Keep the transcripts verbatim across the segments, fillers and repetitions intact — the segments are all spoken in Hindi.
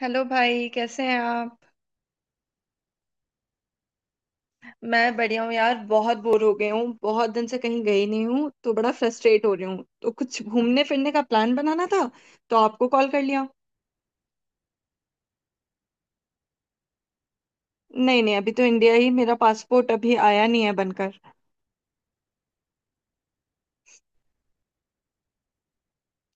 हेलो भाई, कैसे हैं आप। मैं बढ़िया हूँ यार, बहुत बोर हो गई हूँ। बहुत दिन से कहीं गई नहीं हूँ तो बड़ा फ्रस्ट्रेट हो रही हूँ, तो कुछ घूमने फिरने का प्लान बनाना था तो आपको कॉल कर लिया। नहीं नहीं, अभी तो इंडिया ही। मेरा पासपोर्ट अभी आया नहीं है बनकर।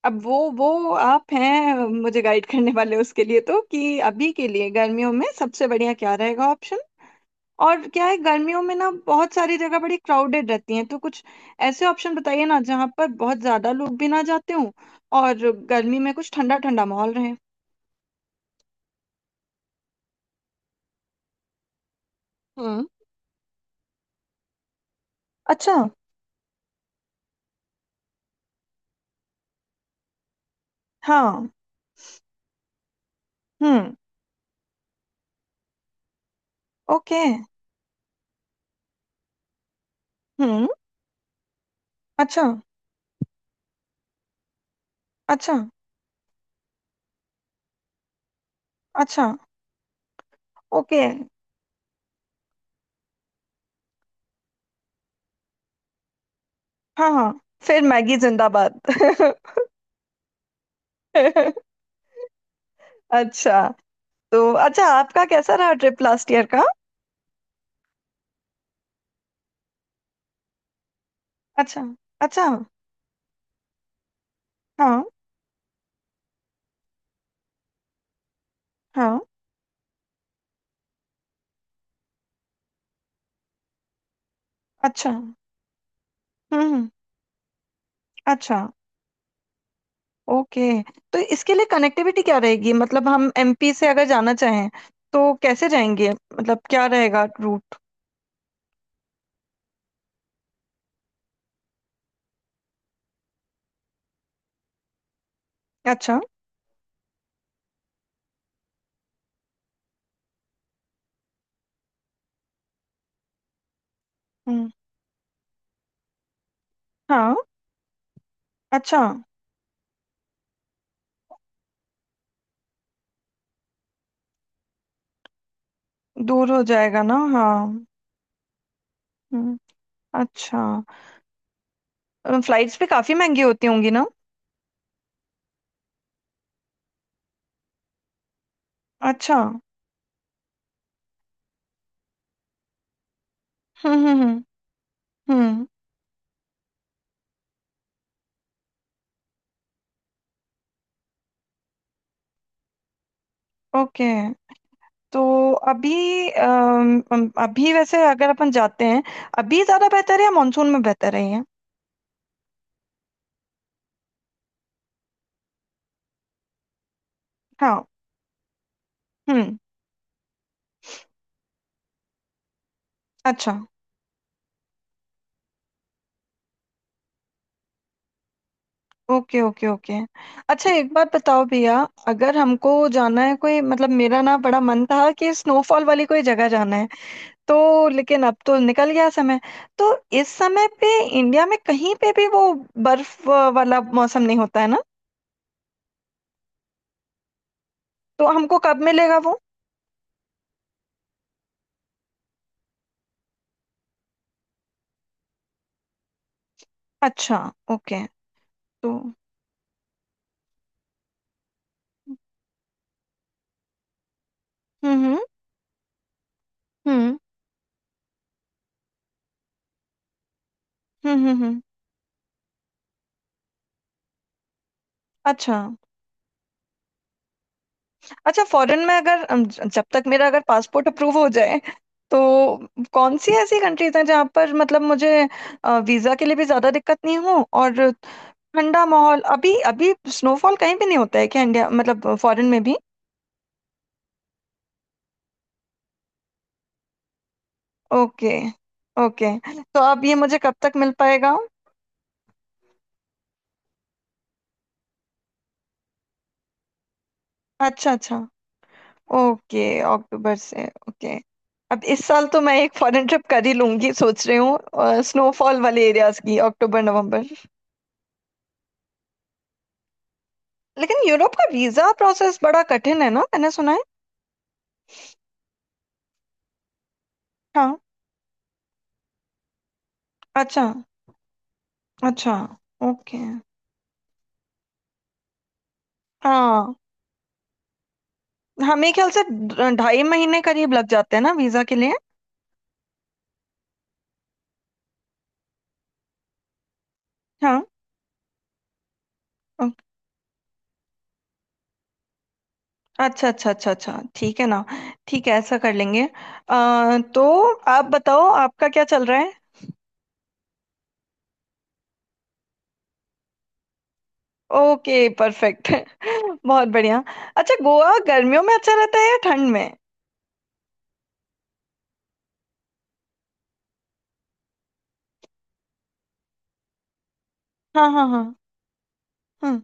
अब वो वो आप हैं मुझे गाइड करने वाले, उसके लिए तो। कि अभी के लिए गर्मियों में सबसे बढ़िया क्या रहेगा। और क्या है, गर्मियों में ना बहुत सारी जगह बड़ी क्राउडेड रहती हैं, तो कुछ ऐसे ऑप्शन बताइए ना जहाँ पर बहुत ज्यादा लोग भी ना जाते हों। और गर्मी में कुछ ठंडा ठंडा माहौल रहे। हम्म। अच्छा। हाँ। हम्म। ओके। हम्म। अच्छा। अच्छा। अच्छा। ओके। हाँ हाँ, फिर मैगी जिंदाबाद। अच्छा, तो अच्छा आपका कैसा रहा ट्रिप लास्ट ईयर का। अच्छा। अच्छा। हाँ। हाँ। अच्छा। हम्म। अच्छा। ओके, तो इसके लिए कनेक्टिविटी क्या रहेगी, मतलब हम एम पी से अगर जाना चाहें तो कैसे जाएंगे, मतलब क्या रहेगा रूट। अच्छा। हम्म। हाँ। अच्छा, दूर हो जाएगा ना, हाँ। हम्म। अच्छा, फ्लाइट्स भी काफी महंगी होती होंगी ना। अच्छा। हम्म हम्म हम्म। हम्म, ओके। तो अभी, अम, अम, अभी वैसे अगर अपन जाते हैं अभी ज्यादा बेहतर है या मानसून में बेहतर है ये? हाँ। हम्म। अच्छा। Okay okay okay. अच्छा एक बात बताओ भैया, अगर हमको जाना है कोई, मतलब मेरा ना बड़ा मन था कि स्नोफॉल वाली कोई जगह जाना है, तो लेकिन अब तो निकल गया समय। तो इस समय पे इंडिया में कहीं पे भी वो बर्फ अ, वाला मौसम नहीं होता है ना। तो हमको कब मिलेगा वो। अच्छा। ओके। तो हम्म। हम्म हम्म हम्म हम्म हम्म, अच्छा। अच्छा, फॉरेन में अगर अम, ज- जब तक मेरा अगर पासपोर्ट अप्रूव हो जाए तो कौन सी ऐसी कंट्रीज हैं जहाँ पर, मतलब मुझे वीजा के लिए भी ज्यादा दिक्कत नहीं हो, और ठंडा माहौल। अभी अभी स्नोफॉल कहीं भी नहीं होता है क्या, इंडिया मतलब, फॉरेन में भी। ओके। ओके, तो अब ये मुझे कब तक मिल पाएगा। अच्छा अच्छा। ओके। अक्टूबर से, ओके। अब इस साल तो मैं एक फॉरेन ट्रिप कर ही लूंगी, सोच रही हूँ स्नोफॉल वाले एरियाज की अक्टूबर नवंबर। लेकिन यूरोप का वीजा प्रोसेस बड़ा कठिन है ना, मैंने सुना है। हाँ। अच्छा। अच्छा। ओके। हाँ। हाँ, मेरे ख्याल से ढ- ढाई महीने करीब लग जाते हैं ना वीजा के लिए। हाँ। ओ- अच्छा अच्छा अच्छा अच्छा, ठीक है ना। ठीक है, ऐसा कर लेंगे। अ, तो आप बताओ आपका क्या चल रहा है। Okay, perfect. बहुत बढ़िया। अच्छा गोवा गर्मियों में अच्छा रहता है या ठंड में। हाँ हाँ हाँ। हम्म।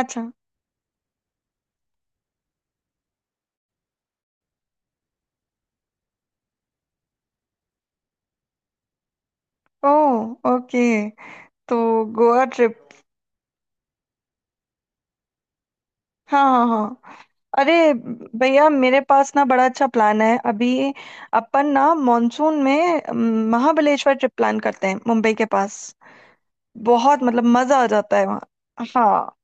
अच्छा। ओ। ओके। तो गोवा ट्रिप। हाँ हाँ हाँ। अरे भैया, मेरे पास ना बड़ा अच्छा प्लान है अभी। अपन ना मॉनसून में, अम, महाबलेश्वर ट्रिप प्लान करते हैं, मुंबई के पास। बहुत, मतलब मजा आ जाता है वहाँ। हाँ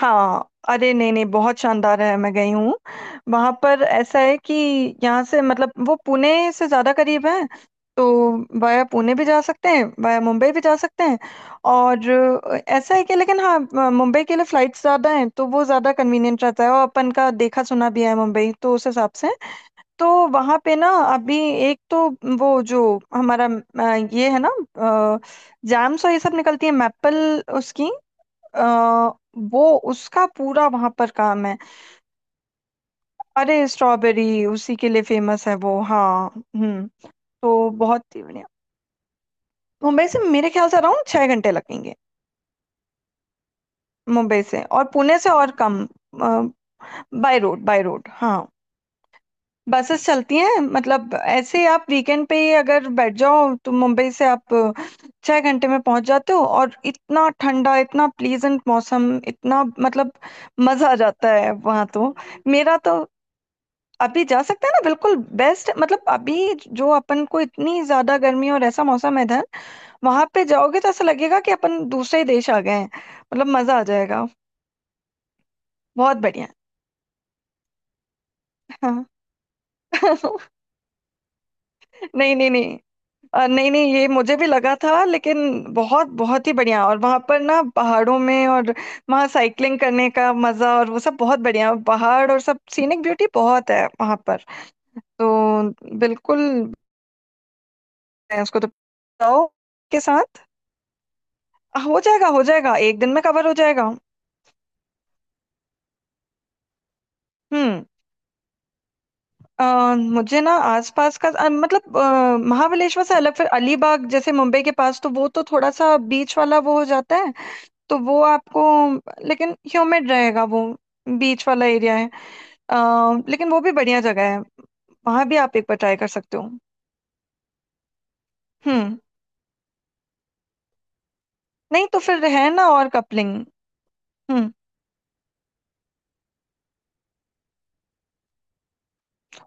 हाँ। अरे नहीं नहीं, बहुत शानदार है, मैं गई हूँ। वहां पर ऐसा है कि यहाँ से, मतलब वो पुणे से ज्यादा करीब है, तो वाया पुणे भी जा सकते हैं, वाया मुंबई भी जा सकते हैं। और अ, ऐसा है कि, लेकिन हाँ, अ, मुंबई के लिए फ्लाइट्स ज्यादा हैं तो वो ज्यादा कन्वीनियंट रहता है, और अपन का देखा सुना भी है मुंबई तो, उस हिसाब से। तो वहां पे ना अभी, एक तो वो जो हमारा अ, ये है ना, जैम्स और ये सब निकलती है मैपल उसकी। अ, वो उसका पूरा वहां पर काम है। अरे स्ट्रॉबेरी उसी के लिए फेमस है वो, हाँ। हम्म। तो बहुत ही बढ़िया। मुंबई से मेरे ख्याल से अराउंड छह घंटे लगेंगे। मुंबई से, और पुणे से और कम। बाय रोड, बाय रोड हाँ। बसेस चलती हैं, मतलब ऐसे आप वीकेंड पे ही अगर बैठ जाओ तो मुंबई से आप अ, छह घंटे में पहुंच जाते हो, और इतना ठंडा, इतना प्लीजेंट मौसम, इतना मतलब, मजा आ जाता है वहां तो। मेरा तो, अभी जा सकते हैं ना बिल्कुल। बेस्ट, मतलब अभी जो अपन को इतनी ज्यादा गर्मी और ऐसा मौसम है इधर, वहां पे जाओगे तो ऐसा लगेगा कि अपन दूसरे ही देश आ गए हैं। मतलब मजा आ जाएगा। बहुत बढ़िया। हाँ। नहीं नहीं नहीं, अ, नहीं नहीं, ये मुझे भी लगा था लेकिन बहुत, बहुत ही बढ़िया। और वहां पर ना पहाड़ों में, और वहाँ साइकिलिंग करने का मजा, और वो सब बहुत बढ़िया, पहाड़ और सब सीनिक ब्यूटी बहुत है वहां पर। तो बिल्कुल। मैं उसको तो बताओ के साथ, हो जाएगा हो जाएगा, एक दिन में कवर हो जाएगा। हम्म। अ, मुझे ना आसपास का, अ, मतलब अ, महाबलेश्वर से अलग, फिर अलीबाग जैसे मुंबई के पास, तो वो तो थोड़ा सा बीच वाला वो हो जाता है, तो वो आपको, लेकिन ह्यूमिड रहेगा वो, बीच वाला एरिया है। अ, लेकिन वो भी बढ़िया जगह है, वहां भी आप एक बार ट्राई कर सकते हो। हम्म। नहीं तो फिर है ना और कपलिंग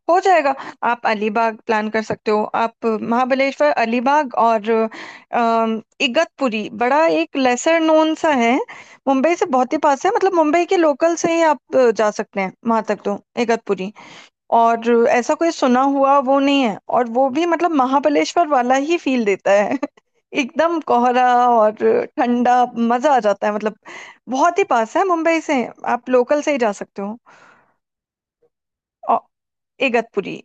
हो जाएगा। आप अलीबाग प्लान कर सकते हो, आप महाबलेश्वर अलीबाग, और अम, इगतपुरी, बड़ा एक लेसर नोन सा है, मुंबई से बहुत ही पास है, मतलब मुंबई के लोकल से ही आप अ, जा सकते हैं वहां तक, तो इगतपुरी। और ऐसा कोई सुना हुआ वो नहीं है, और वो भी मतलब महाबलेश्वर वाला ही फील देता है। एकदम कोहरा और ठंडा, मजा आ जाता है मतलब। बहुत ही पास है मुंबई से, आप लोकल से ही जा सकते हो। इगतपुरी।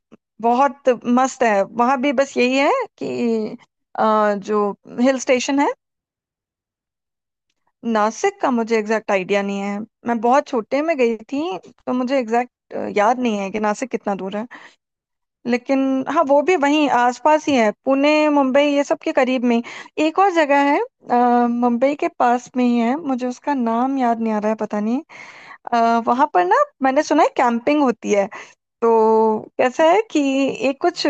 बहुत मस्त है वहां भी। बस यही है कि, अ, जो हिल स्टेशन है। नासिक का मुझे एग्जैक्ट आइडिया नहीं है, मैं बहुत छोटे में गई थी, तो मुझे एग्जैक्ट याद नहीं है कि नासिक कितना दूर है। लेकिन हाँ, वो भी वहीं आसपास ही है, पुणे मुंबई ये सब के करीब में। एक और जगह है अ, मुंबई के पास में ही है, मुझे उसका नाम याद नहीं आ रहा है, पता नहीं। आ, वहां पर ना मैंने सुना है कैंपिंग होती है, तो कैसा है कि, एक कुछ।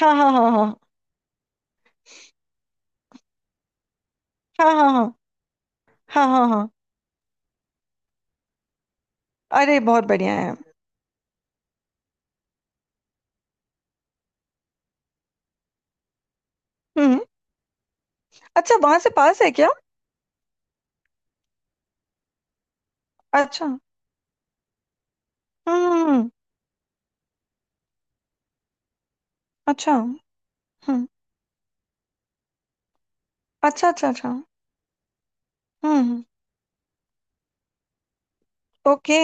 हाँ हाँ हाँ हाँ। हाँ हाँ हाँ हाँ हाँ हाँ। अरे बहुत बढ़िया है। हम्म। अच्छा, वहां से पास है क्या। अच्छा। हम्म। अच्छा। हम्म। अच्छा अच्छा अच्छा। हम्म। ओके।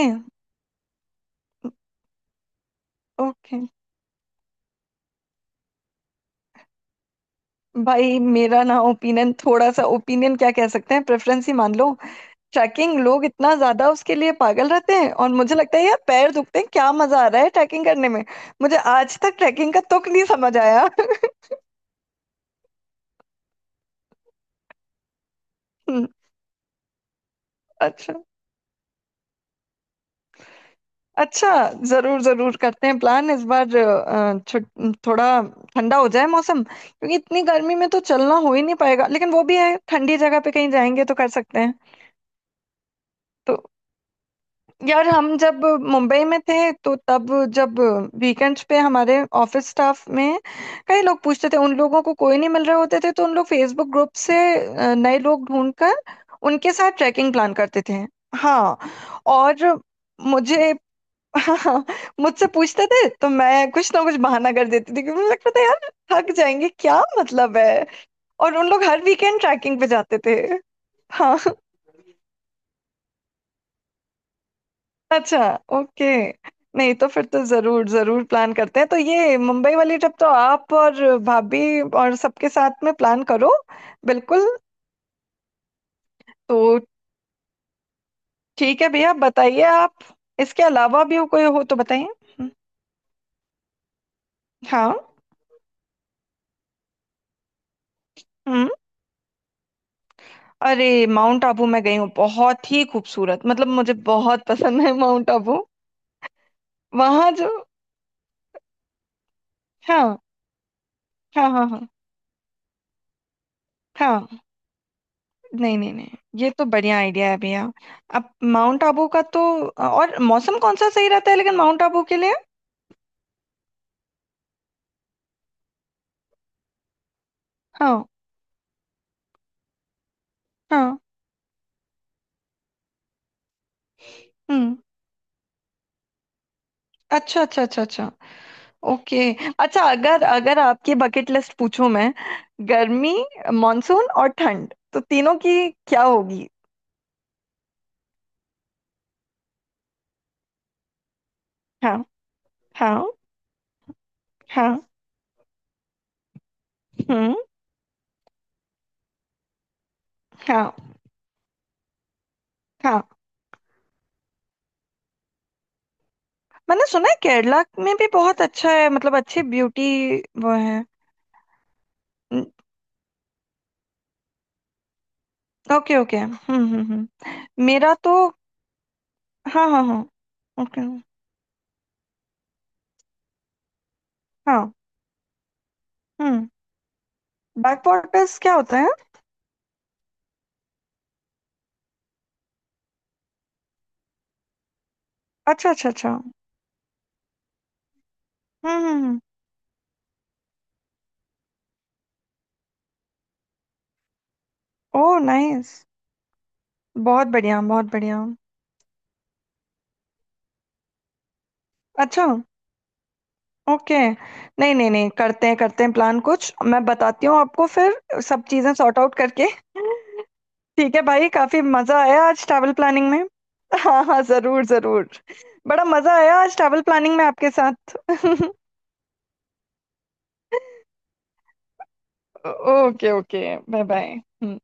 ओके। भाई मेरा ना ओपिनियन, थोड़ा सा ओपिनियन क्या, कह सकते हैं प्रेफरेंस ही मान लो। ट्रैकिंग लोग इतना ज्यादा उसके लिए पागल रहते हैं, और मुझे लगता है यार पैर दुखते हैं, क्या मजा आ रहा है ट्रैकिंग करने में। मुझे आज तक ट्रैकिंग का तुक नहीं समझ आया। हम्म, अच्छा। अच्छा। जरूर जरूर, करते हैं प्लान इस बार। अ, छु- थोड़ा ठंडा हो जाए मौसम, क्योंकि इतनी गर्मी में तो चलना हो ही नहीं पाएगा, लेकिन वो भी है ठंडी जगह पे कहीं जाएंगे तो कर सकते हैं। तो यार हम जब मुंबई में थे तो तब, जब वीकेंड्स पे हमारे ऑफिस स्टाफ में कई लोग पूछते थे, उन लोगों को कोई नहीं मिल रहे होते थे तो उन लोग फेसबुक ग्रुप से अ, नए लोग ढूंढ कर उनके साथ ट्रैकिंग प्लान करते थे। हाँ। और मुझे, हाँ, मुझसे पूछते थे तो मैं कुछ ना कुछ बहाना कर देती थी, क्योंकि मुझे लगता था यार थक जाएंगे, क्या मतलब है। और उन लोग हर वीकेंड ट्रैकिंग पे जाते थे। हाँ। अच्छा। ओके। नहीं तो फिर तो जरूर जरूर प्लान करते हैं। तो ये मुंबई वाली ट्रिप तो आप और भाभी और सबके साथ में प्लान करो, बिल्कुल। तो ठीक है भैया, बताइए आप इसके अलावा भी कोई हो तो बताइए। हम्म, हाँ। हम्म। अरे माउंट आबू मैं गई हूँ, बहुत ही खूबसूरत, मतलब मुझे बहुत पसंद है माउंट आबू। वहां जो, हाँ। हाँ हाँ हाँ। हाँ नहीं नहीं नहीं, ये तो बढ़िया आइडिया है भैया। अब माउंट आबू का तो, और मौसम कौन सा सही रहता है लेकिन माउंट आबू के लिए। हाँ। हाँ। हम्म। अच्छा अच्छा अच्छा अच्छा। ओके। अच्छा, अगर अगर आपकी बकेट लिस्ट पूछूं मैं, गर्मी मानसून और ठंड तो तीनों की क्या होगी। हाँ। हाँ। हाँ। हम्म। हाँ। हाँ, मैंने सुना है केरला में भी बहुत अच्छा है, मतलब अच्छे ब्यूटी वो है। Okay okay. हम्म। हम्म हम्म, मेरा तो, हाँ हाँ हाँ। ओके। हाँ। हम्म। बैक वाटर्स क्या होता है। अच्छा अच्छा अच्छा। हम्म। हम्म। Oh nice. बहुत बढ़िया, बहुत बढ़िया। अच्छा। ओके। नहीं नहीं नहीं, करते हैं करते हैं प्लान कुछ, मैं बताती हूँ आपको फिर, सब चीज़ें सॉर्ट आउट करके। ठीक है भाई, काफी मजा आया आज ट्रैवल प्लानिंग में। हाँ हाँ, जरूर जरूर। बड़ा मजा आया आज ट्रैवल प्लानिंग में आपके साथ। Okay okay, bye bye.